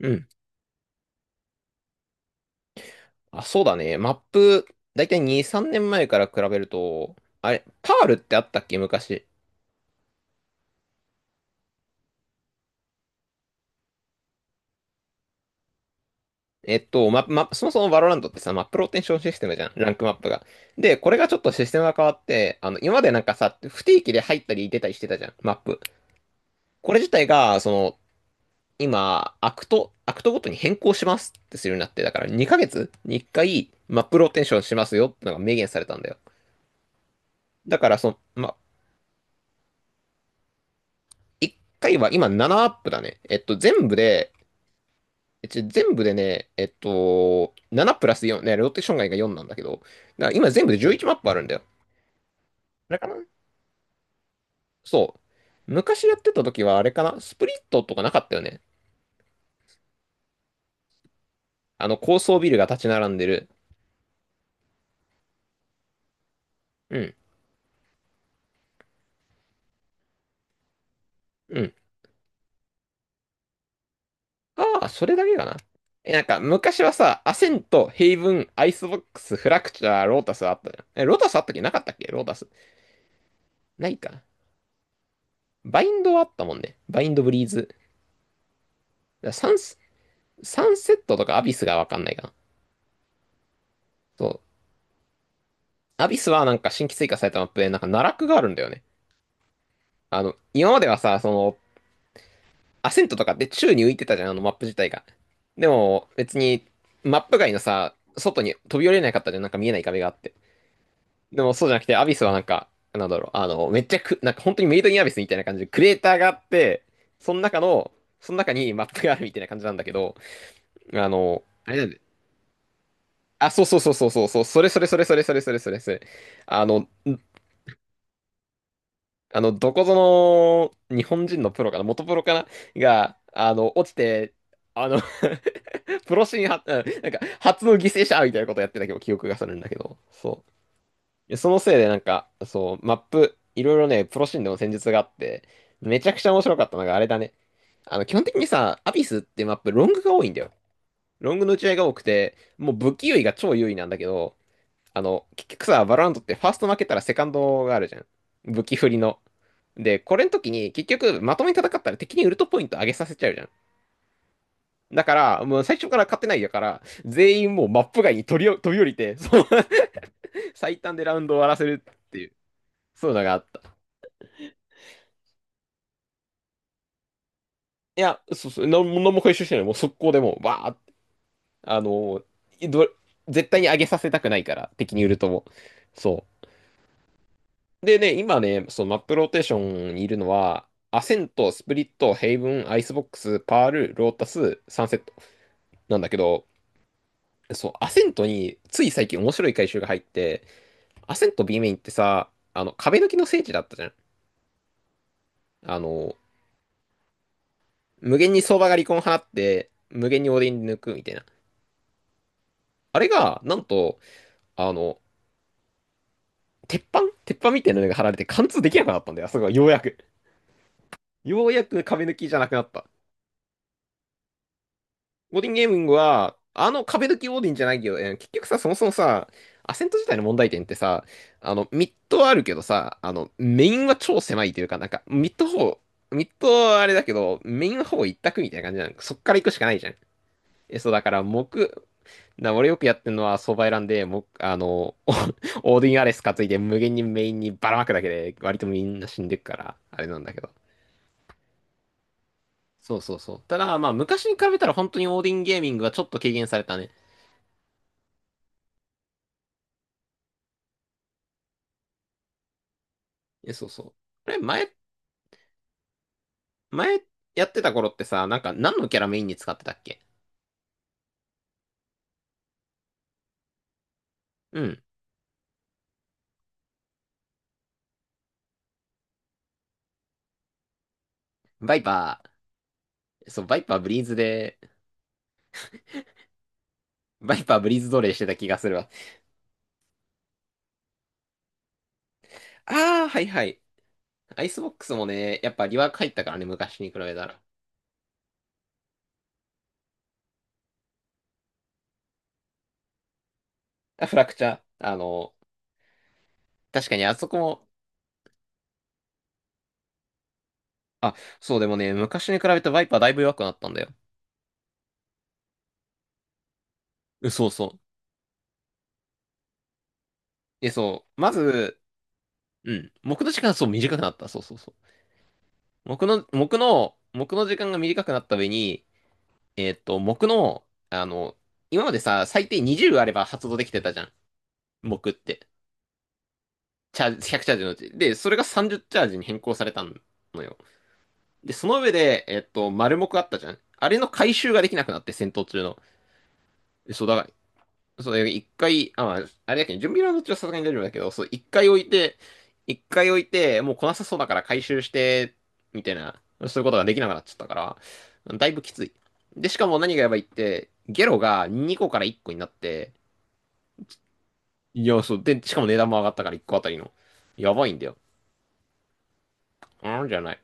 うん。そうだね。マップ、だいたい2、3年前から比べると、あれ、パールってあったっけ昔。そもそもバロランドってさ、マップローテンションシステムじゃん。ランクマップが。で、これがちょっとシステムが変わって、今までなんかさ、不定期で入ったり出たりしてたじゃん、マップ。これ自体が、今、アクトごとに変更しますってするようになって、だから2ヶ月に1回、マップローテンションしますよってのが明言されたんだよ。だから、その、ま、1回は今7アップだね。全部で、全部でね、7プラス4、ね、ローテーション外が4なんだけど、だから今全部で11マップあるんだよ。あれかなそう。昔やってた時はあれかなスプリットとかなかったよね。あの高層ビルが立ち並んでる。うん、うん。ああ、それだけかな。え、なんか昔はさ、アセント、ヘイブン、アイスボックス、フラクチャー、ロータスあったじゃん。え、ロータスあったっけなかったっけロータス。ないか。バインドはあったもんね。バインドブリーズ。だからサンス、サンセットとかアビスがわかんないかな。そう。アビスはなんか新規追加されたマップでなんか奈落があるんだよね。今まではさ、アセントとかで宙に浮いてたじゃん、あのマップ自体が。でも別にマップ外のさ、外に飛び降りれなかったじゃん、なんか見えない壁があって。でもそうじゃなくて、アビスはなんか、なんだろう、あの、めっちゃく、なんか本当にメイドインアビスみたいな感じでクレーターがあって、その中の、その中にマップがあるみたいな感じなんだけど、あれなんで、あ、そうそうそうそうそうそう、それそれそれそれそれそれそれそれ。あの、あの、どこぞの日本人のプロかな、元プロかなが、落ちて、あの プロシーンは、うんなんか、初の犠牲者みたいなことやってたけど、記憶がするんだけど、そう。でそのせいで、なんか、そう、マップ、いろいろね、プロシーンでも戦術があって、めちゃくちゃ面白かったのが、あれだね。基本的にさ、アビスってマップ、ロングが多いんだよ。ロングの打ち合いが多くて、もう武器優位が超優位なんだけど、結局さ、バロランドってファースト負けたらセカンドがあるじゃん。武器振りの。で、これの時に結局まとめに戦ったら敵にウルトポイント上げさせちゃうじゃん。だから、もう最初から勝てないだから、全員もうマップ外に飛び降りて、そう 最短でラウンドを終わらせるっていう、そういうのがあった。いや、そうそう、何も回収してない。もう速攻でもう、バーって、あのーど、絶対に上げさせたくないから、敵にウルトも。そう。でね、今ね、そのマップローテーションにいるのは、アセント、スプリット、ヘイブン、アイスボックス、パール、ロータス、サンセットなんだけど、そう、アセントについ最近面白い回収が入って、アセント B メインってさ、壁抜きの聖地だったじゃん。あの、無限に相場が離婚放って、無限にオーディン抜くみたいな。あれが、なんと、あの、鉄板鉄板みたいなのが貼られて貫通できなくなったんだよ。あそこがようやく。ようやく壁抜きじゃなくなった。オーディンゲーミングは、あの壁抜きオーディンじゃないけど、結局さ、そもそもさ、アセント自体の問題点ってさ、ミッドはあるけどさ、メインは超狭いというか、なんか、ミッドはあれだけど、メインはほぼ一択みたいな感じなの。そっから行くしかないじゃん。そう、だから、木、な、俺よくやってるのは相場選んで、も、あの、オーディンアレス担いで無限にメインにばらまくだけで、割とみんな死んでくから、あれなんだけど。そうそうそう。ただ、まあ、昔に比べたら本当にオーディンゲーミングはちょっと軽減されたね。え、そうそう。これ前、前やってた頃ってさ、なんか何のキャラメインに使ってたっけ。うん。バイパー。そう、バイパーブリーズで、バイパーブリーズ奴隷してた気がするわ。ああ、はいはい。アイスボックスもね、やっぱリワーク入ったからね、昔に比べたら。あ、フラクチャー。確かにあそこも、あ、そうでもね、昔に比べてバイパーだいぶ弱くなったんだよ。うんそうそう。え、そう。まず、うん。木の時間がそう短くなった。そうそうそう。木の時間が短くなった上に、えーっと、木の、あの、今までさ、最低20あれば発動できてたじゃん。木って。チャージ、100チャージのうち。で、それが30チャージに変更されたのよ。で、その上で、丸木あったじゃん。あれの回収ができなくなって、戦闘中の。そうだから、そう、一回、あ、まあ、あれだけど、準備ラウンド中はさすがに大丈夫だけど、そう、一回置いて、もう来なさそうだから回収して、みたいな、そういうことができなくなっちゃったから、だいぶきつい。で、しかも何がやばいって、ゲロが2個から1個になって、いや、そう。で、しかも値段も上がったから1個あたりの。やばいんだよ。うんじゃない。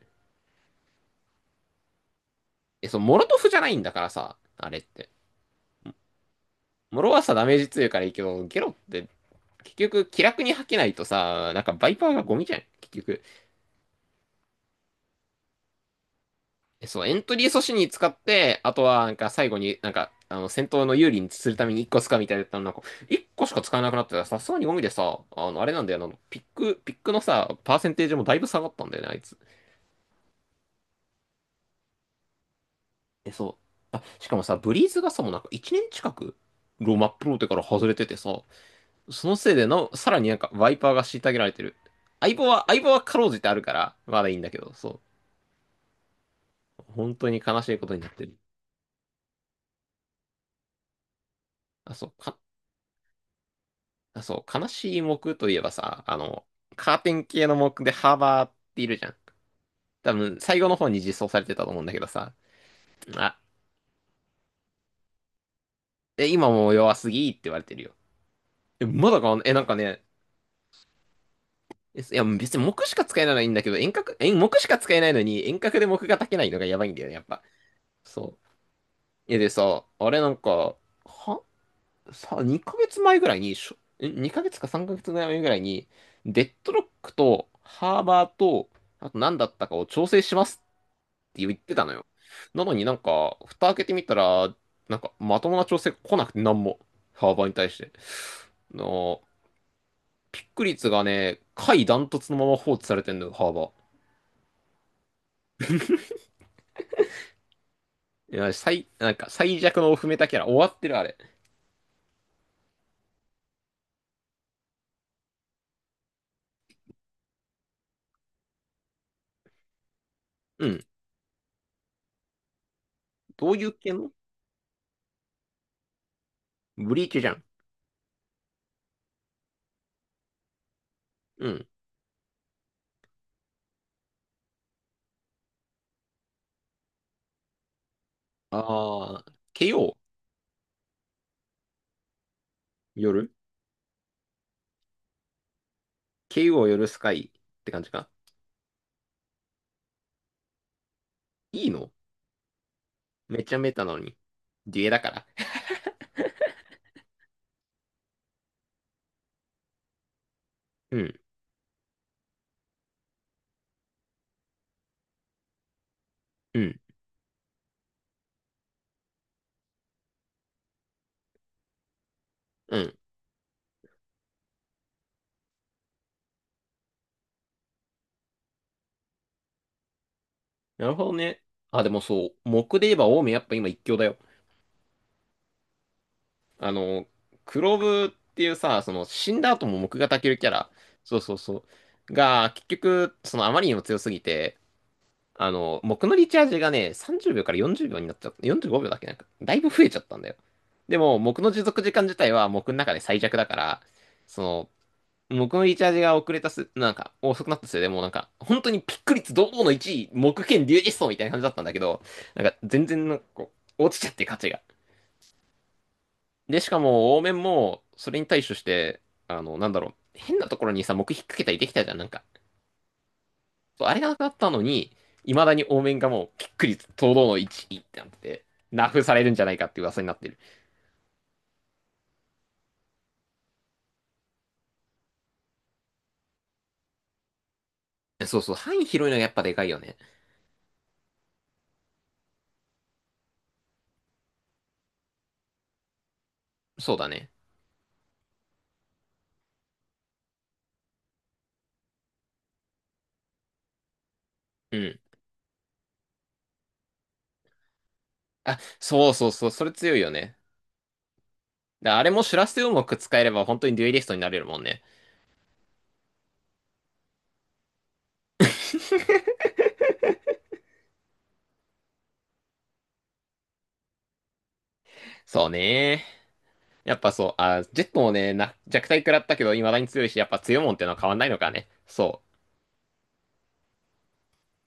え、そう、モロトフじゃないんだからさ、あれって。モロはさ、ダメージ強いからいいけど、ゲロって結局気楽に吐けないとさ、なんかバイパーがゴミじゃん、結局。え、そう、エントリー阻止に使って、あとはなんか最後になんか、戦闘の有利にするために1個使うみたいだったのなんか、1個しか使えなくなってたらさすがにゴミでさ、あの、あれなんだよ、あの、ピック、ピックのさ、パーセンテージもだいぶ下がったんだよね、あいつ。え、そう。あ、しかもさ、ブリーズがさ、もうなんか1年近く、ローマプロテから外れててさ、そのせいでなさらになんかワイパーが虐げられてる。相棒はかろうじてあるから、まだいいんだけど、そう。本当に悲しいことになってる。あ、そう、か、あ、そう、悲しい木といえばさ、カーテン系の木でハーバーっているじゃん。多分、最後の方に実装されてたと思うんだけどさ。あ、今もう弱すぎって言われてるよ。まだか。なんかね、えいや、別に木しか使えないのはいいんだけど、遠隔、木しか使えないのに、遠隔で木が炊けないのがやばいんだよね、やっぱ。そう。でさ、あれなんか、は、2ヶ月前ぐらいに、しょ、にかげつかさん ?2 ヶ月か3ヶ月前ぐらいに、デッドロックとハーバーと、あと何だったかを調整しますって言ってたのよ。なのになんか、蓋開けてみたら、なんか、まともな調整来なくて、なんも。ハーバーに対して。の、ピック率がね、下位ダントツのまま放置されてんのよ、ハーバー。いや、なんか最弱のオフメタキャラ終わってるあれ。うん。どういう系の？ブリーチじゃん。うん。あー、KO。 夜。 KO 夜スカイって感じか？いいの？めちゃメタなのに。デュエだから。うん、うん、うん。なるほどね。あ、でもそう、木で言えばオウムやっぱ今一強だよ。あの、クロブっていうさ、その死んだ後も木が焚けるキャラ。そうそうそう。が、結局、そのあまりにも強すぎて、僕のリチャージがね、30秒から40秒になっちゃった。45秒だっけ、なんか、だいぶ増えちゃったんだよ。でも、僕の持続時間自体は僕の中で最弱だから、その、僕のリチャージが遅れたす、なんか、遅くなったせいでもうなんか、本当にピック率堂々の1位、木剣竜実装みたいな感じだったんだけど、なんか、全然なんか落ちちゃって価値が。で、しかも、応面も、それに対処して、なんだろう、変なところにさ、木引っ掛けたりできたじゃん、なんか。そうあれがなくなったのに、いまだにオーメンがもうきっくり堂々の1いってなってて、ナフされるんじゃないかって噂になってる。そうそう、範囲広いのがやっぱでかいよね。そうだね。うん。あ、そうそうそう、それ強いよね。であれもシュラステをうまく使えれば本当にデュエリストになれるもんね。そうね。やっぱそう、あ、ジェットもね、弱体食らったけど、未だに強いし、やっぱ強いもんってのは変わんないのかね。そう。